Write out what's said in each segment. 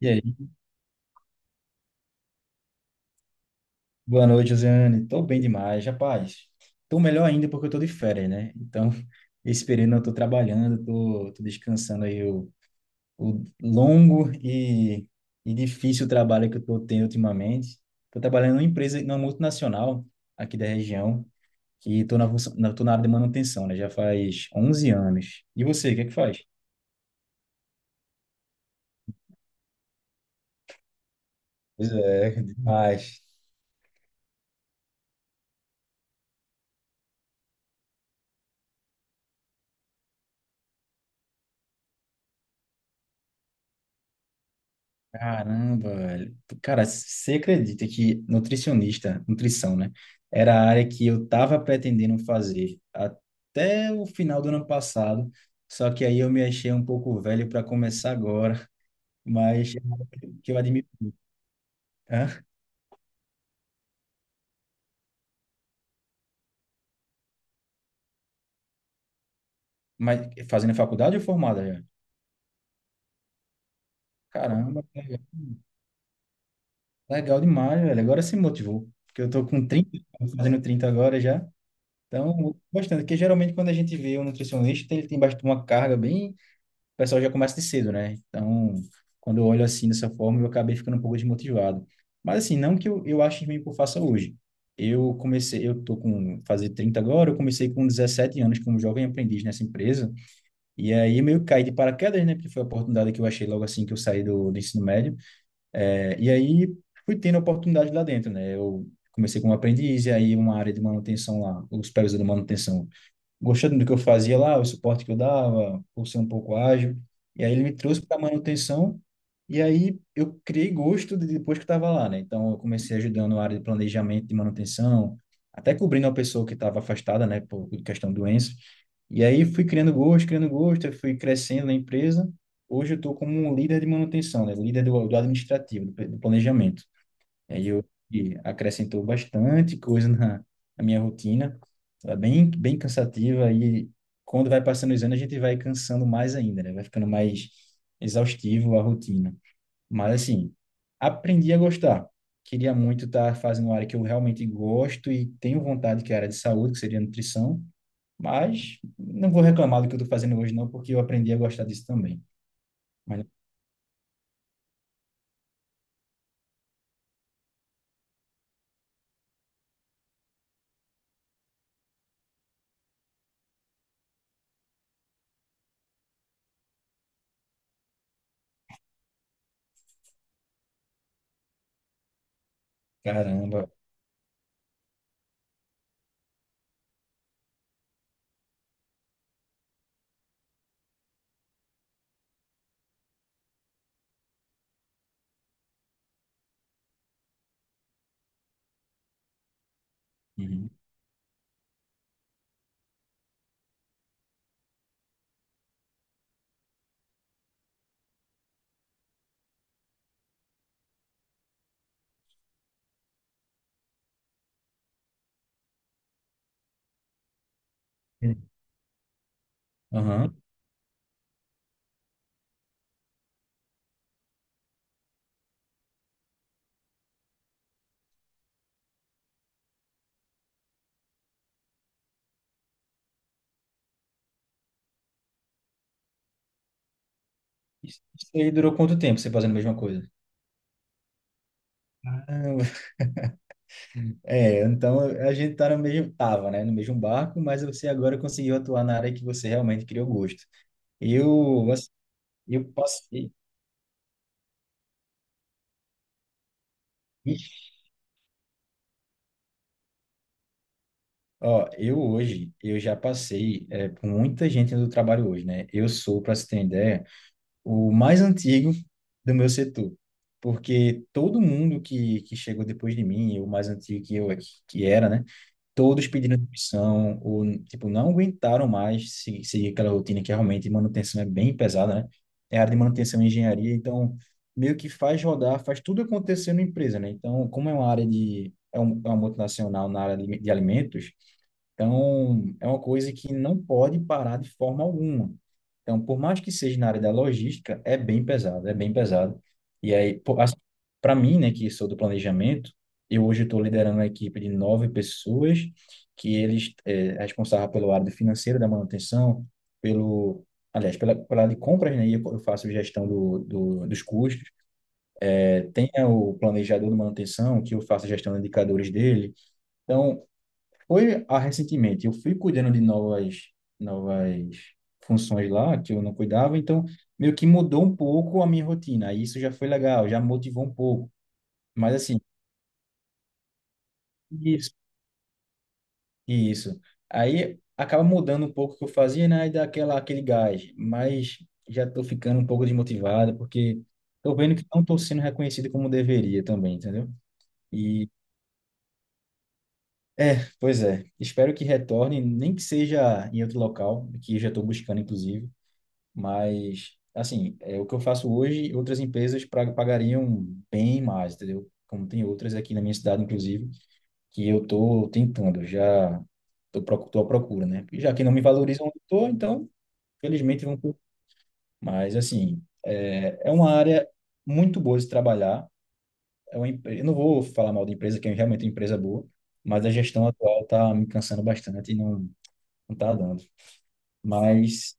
E aí? Boa noite, Josiane. Tô bem demais, rapaz. Tô melhor ainda porque eu tô de férias, né? Então, esse período eu tô trabalhando, tô descansando aí o longo e difícil trabalho que eu tô tendo ultimamente. Tô trabalhando numa empresa, numa multinacional aqui da região, que tô tô na área de manutenção, né? Já faz 11 anos. E você, o que é que faz? Pois é, demais. Caramba, velho. Cara, você acredita que nutricionista, nutrição, né? Era a área que eu tava pretendendo fazer até o final do ano passado. Só que aí eu me achei um pouco velho para começar agora, mas que eu admiro. Hã? Mas fazendo faculdade ou formada já? Caramba, velho. Legal demais, velho. Agora se motivou. Porque eu tô com 30, fazendo 30 agora já. Então, bastante. Porque geralmente quando a gente vê um nutricionista, ele tem bastante uma carga bem, o pessoal já começa de cedo, né? Então, quando eu olho assim dessa forma, eu acabei ficando um pouco desmotivado. Mas assim, não que eu ache ruim o que eu faça hoje. Eu comecei, eu tô com fazer 30 agora, eu comecei com 17 anos como jovem aprendiz nessa empresa. E aí meio que caí de paraquedas, né? Porque foi a oportunidade que eu achei logo assim que eu saí do ensino médio. É, e aí fui tendo oportunidade lá dentro, né? Eu comecei como aprendiz e aí uma área de manutenção lá, o supervisor de manutenção gostando do que eu fazia lá, o suporte que eu dava, por ser um pouco ágil. E aí ele me trouxe para manutenção e aí eu criei depois que estava lá, né? Então eu comecei ajudando na área de planejamento de manutenção, até cobrindo uma pessoa que estava afastada, né, por questão de doença. E aí fui criando gosto, eu fui crescendo na empresa. Hoje eu estou como um líder de manutenção, né? Líder do administrativo, do planejamento. Aí eu e acrescentou bastante coisa na, na minha rotina. Tá bem cansativa e quando vai passando os anos a gente vai cansando mais ainda, né? Vai ficando mais exaustivo a rotina. Mas assim, aprendi a gostar. Queria muito estar fazendo uma área que eu realmente gosto e tenho vontade, que é a área de saúde, que seria a nutrição. Mas não vou reclamar do que eu estou fazendo hoje, não, porque eu aprendi a gostar disso também. Mas caramba. Uhum. Aham. Isso aí durou quanto tempo você fazendo a mesma coisa? É, então a gente tá no mesmo, tava, né, no mesmo barco, mas você agora conseguiu atuar na área que você realmente criou gosto. Eu, assim, eu passei, ixi, ó, eu hoje, eu já passei é, por muita gente do trabalho hoje, né? Eu sou, para você ter uma ideia, o mais antigo do meu setor, porque todo mundo que chegou depois de mim, o mais antigo que eu que era, né? Todos pedindo demissão, ou, tipo, não aguentaram mais seguir aquela rotina que é realmente manutenção é bem pesada, né? É área de manutenção e engenharia, então meio que faz rodar, faz tudo acontecer na empresa, né? Então, como é uma área de, é uma multinacional na área de alimentos, então, é uma coisa que não pode parar de forma alguma. Então, por mais que seja na área da logística, é bem pesado, é bem pesado. E aí, para mim, né, que sou do planejamento, eu hoje estou liderando uma equipe de nove pessoas, que eles é responsável pelo área financeira da manutenção, pelo, aliás, pela, pela área de compras, né, e eu faço gestão dos custos. Tem o planejador de manutenção, que eu faço gestão de indicadores dele. Então, foi recentemente, eu fui cuidando de novas, novas funções lá que eu não cuidava, então meio que mudou um pouco a minha rotina. Aí isso já foi legal, já motivou um pouco. Mas assim, isso, isso. Aí acaba mudando um pouco o que eu fazia, né? E dá aquela, aquele gás. Mas já tô ficando um pouco desmotivado, porque tô vendo que não tô sendo reconhecido como deveria também, entendeu? E é, pois é. Espero que retorne, nem que seja em outro local, que eu já estou buscando, inclusive. Mas, assim, é o que eu faço hoje, outras empresas pagariam bem mais, entendeu? Como tem outras aqui na minha cidade, inclusive, que eu tô tentando, já tô, tô à procura, né? E já que não me valorizam onde eu tô, então, felizmente, vão... por- Mas, assim, é uma área muito boa de se trabalhar. É uma, eu não vou falar mal da empresa, que é realmente uma empresa boa, mas a gestão atual tá me cansando bastante e não, não tá dando. Mas,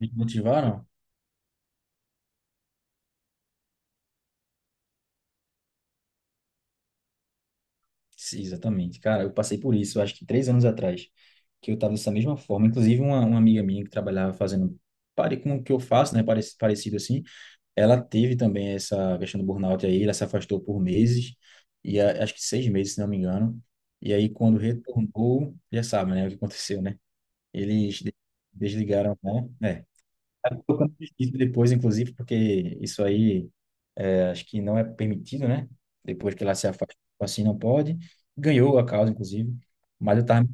me motivaram? Sim, exatamente. Cara, eu passei por isso, acho que três anos atrás, que eu estava dessa mesma forma. Inclusive, uma amiga minha que trabalhava fazendo pare com o que eu faço, né, parecido assim, ela teve também essa questão do burnout aí, ela se afastou por meses, e acho que seis meses, se não me engano. E aí, quando retornou, já sabe, né, o que aconteceu, né? Eles desligaram, né? É. Tocando justiça depois, inclusive, porque isso aí acho que não é permitido, né? Depois que ela se afasta, tipo assim não pode. Ganhou a causa, inclusive. Mas eu tava,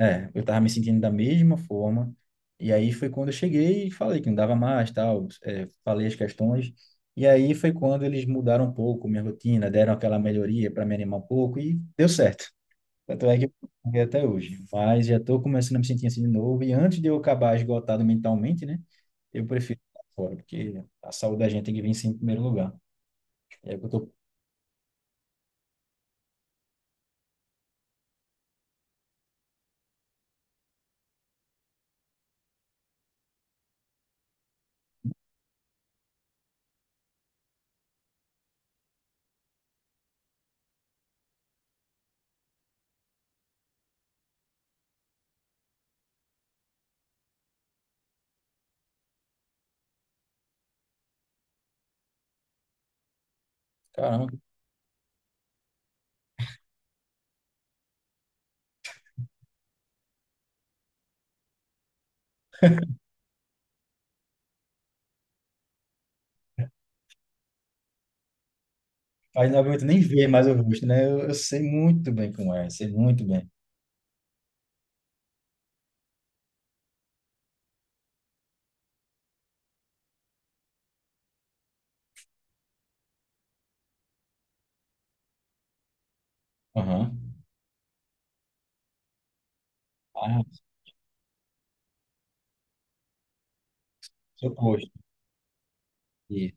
é, eu tava me sentindo da mesma forma. E aí foi quando eu cheguei e falei que não dava mais, tal. É, falei as questões. E aí foi quando eles mudaram um pouco minha rotina, deram aquela melhoria para me animar um pouco e deu certo. Tanto é que eu fiquei até hoje. Mas já estou começando a me sentir assim de novo. E antes de eu acabar esgotado mentalmente, né? Eu prefiro ficar fora, porque a saúde da gente tem que vir sempre em primeiro lugar. É o que eu estou. Caramba, aí não aguento nem ver mais o rosto, né? Eu sei muito bem como é, sei muito bem. Aham. Ah, seu posto. E,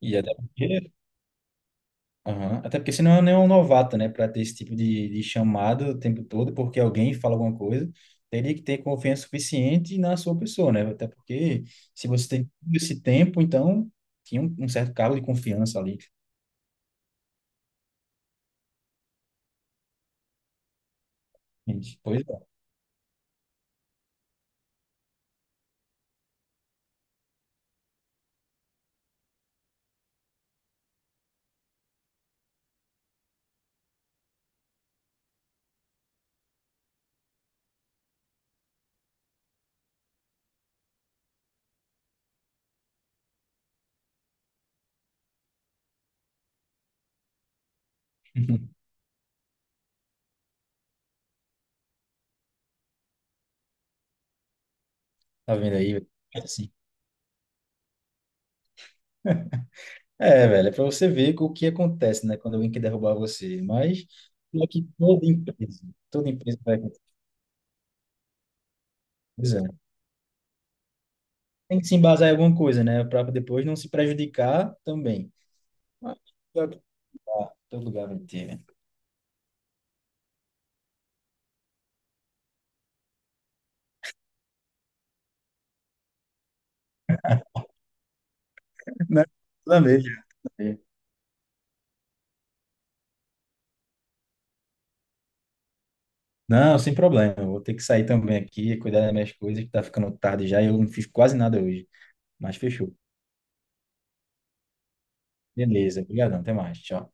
e até porque, aham, até porque senão eu nem é um novato, né? Para ter esse tipo de chamado o tempo todo, porque alguém fala alguma coisa, teria que ter confiança suficiente na sua pessoa, né? Até porque se você tem todo esse tempo, então tinha um certo cargo de confiança ali. Gente, pois é. Tá vendo aí? Assim. É, velho, é pra você ver o que acontece, né, quando alguém quer derrubar você. Mas pior que toda empresa vai acontecer. Pois é. Tem que se embasar em alguma coisa, né, para depois não se prejudicar também. Mas pior que tá, todo lugar vai ter, né? Né? Planeja. Não, sem problema. Eu vou ter que sair também aqui, cuidar das minhas coisas, que tá ficando tarde já e eu não fiz quase nada hoje. Mas fechou. Beleza, obrigadão, até mais. Tchau.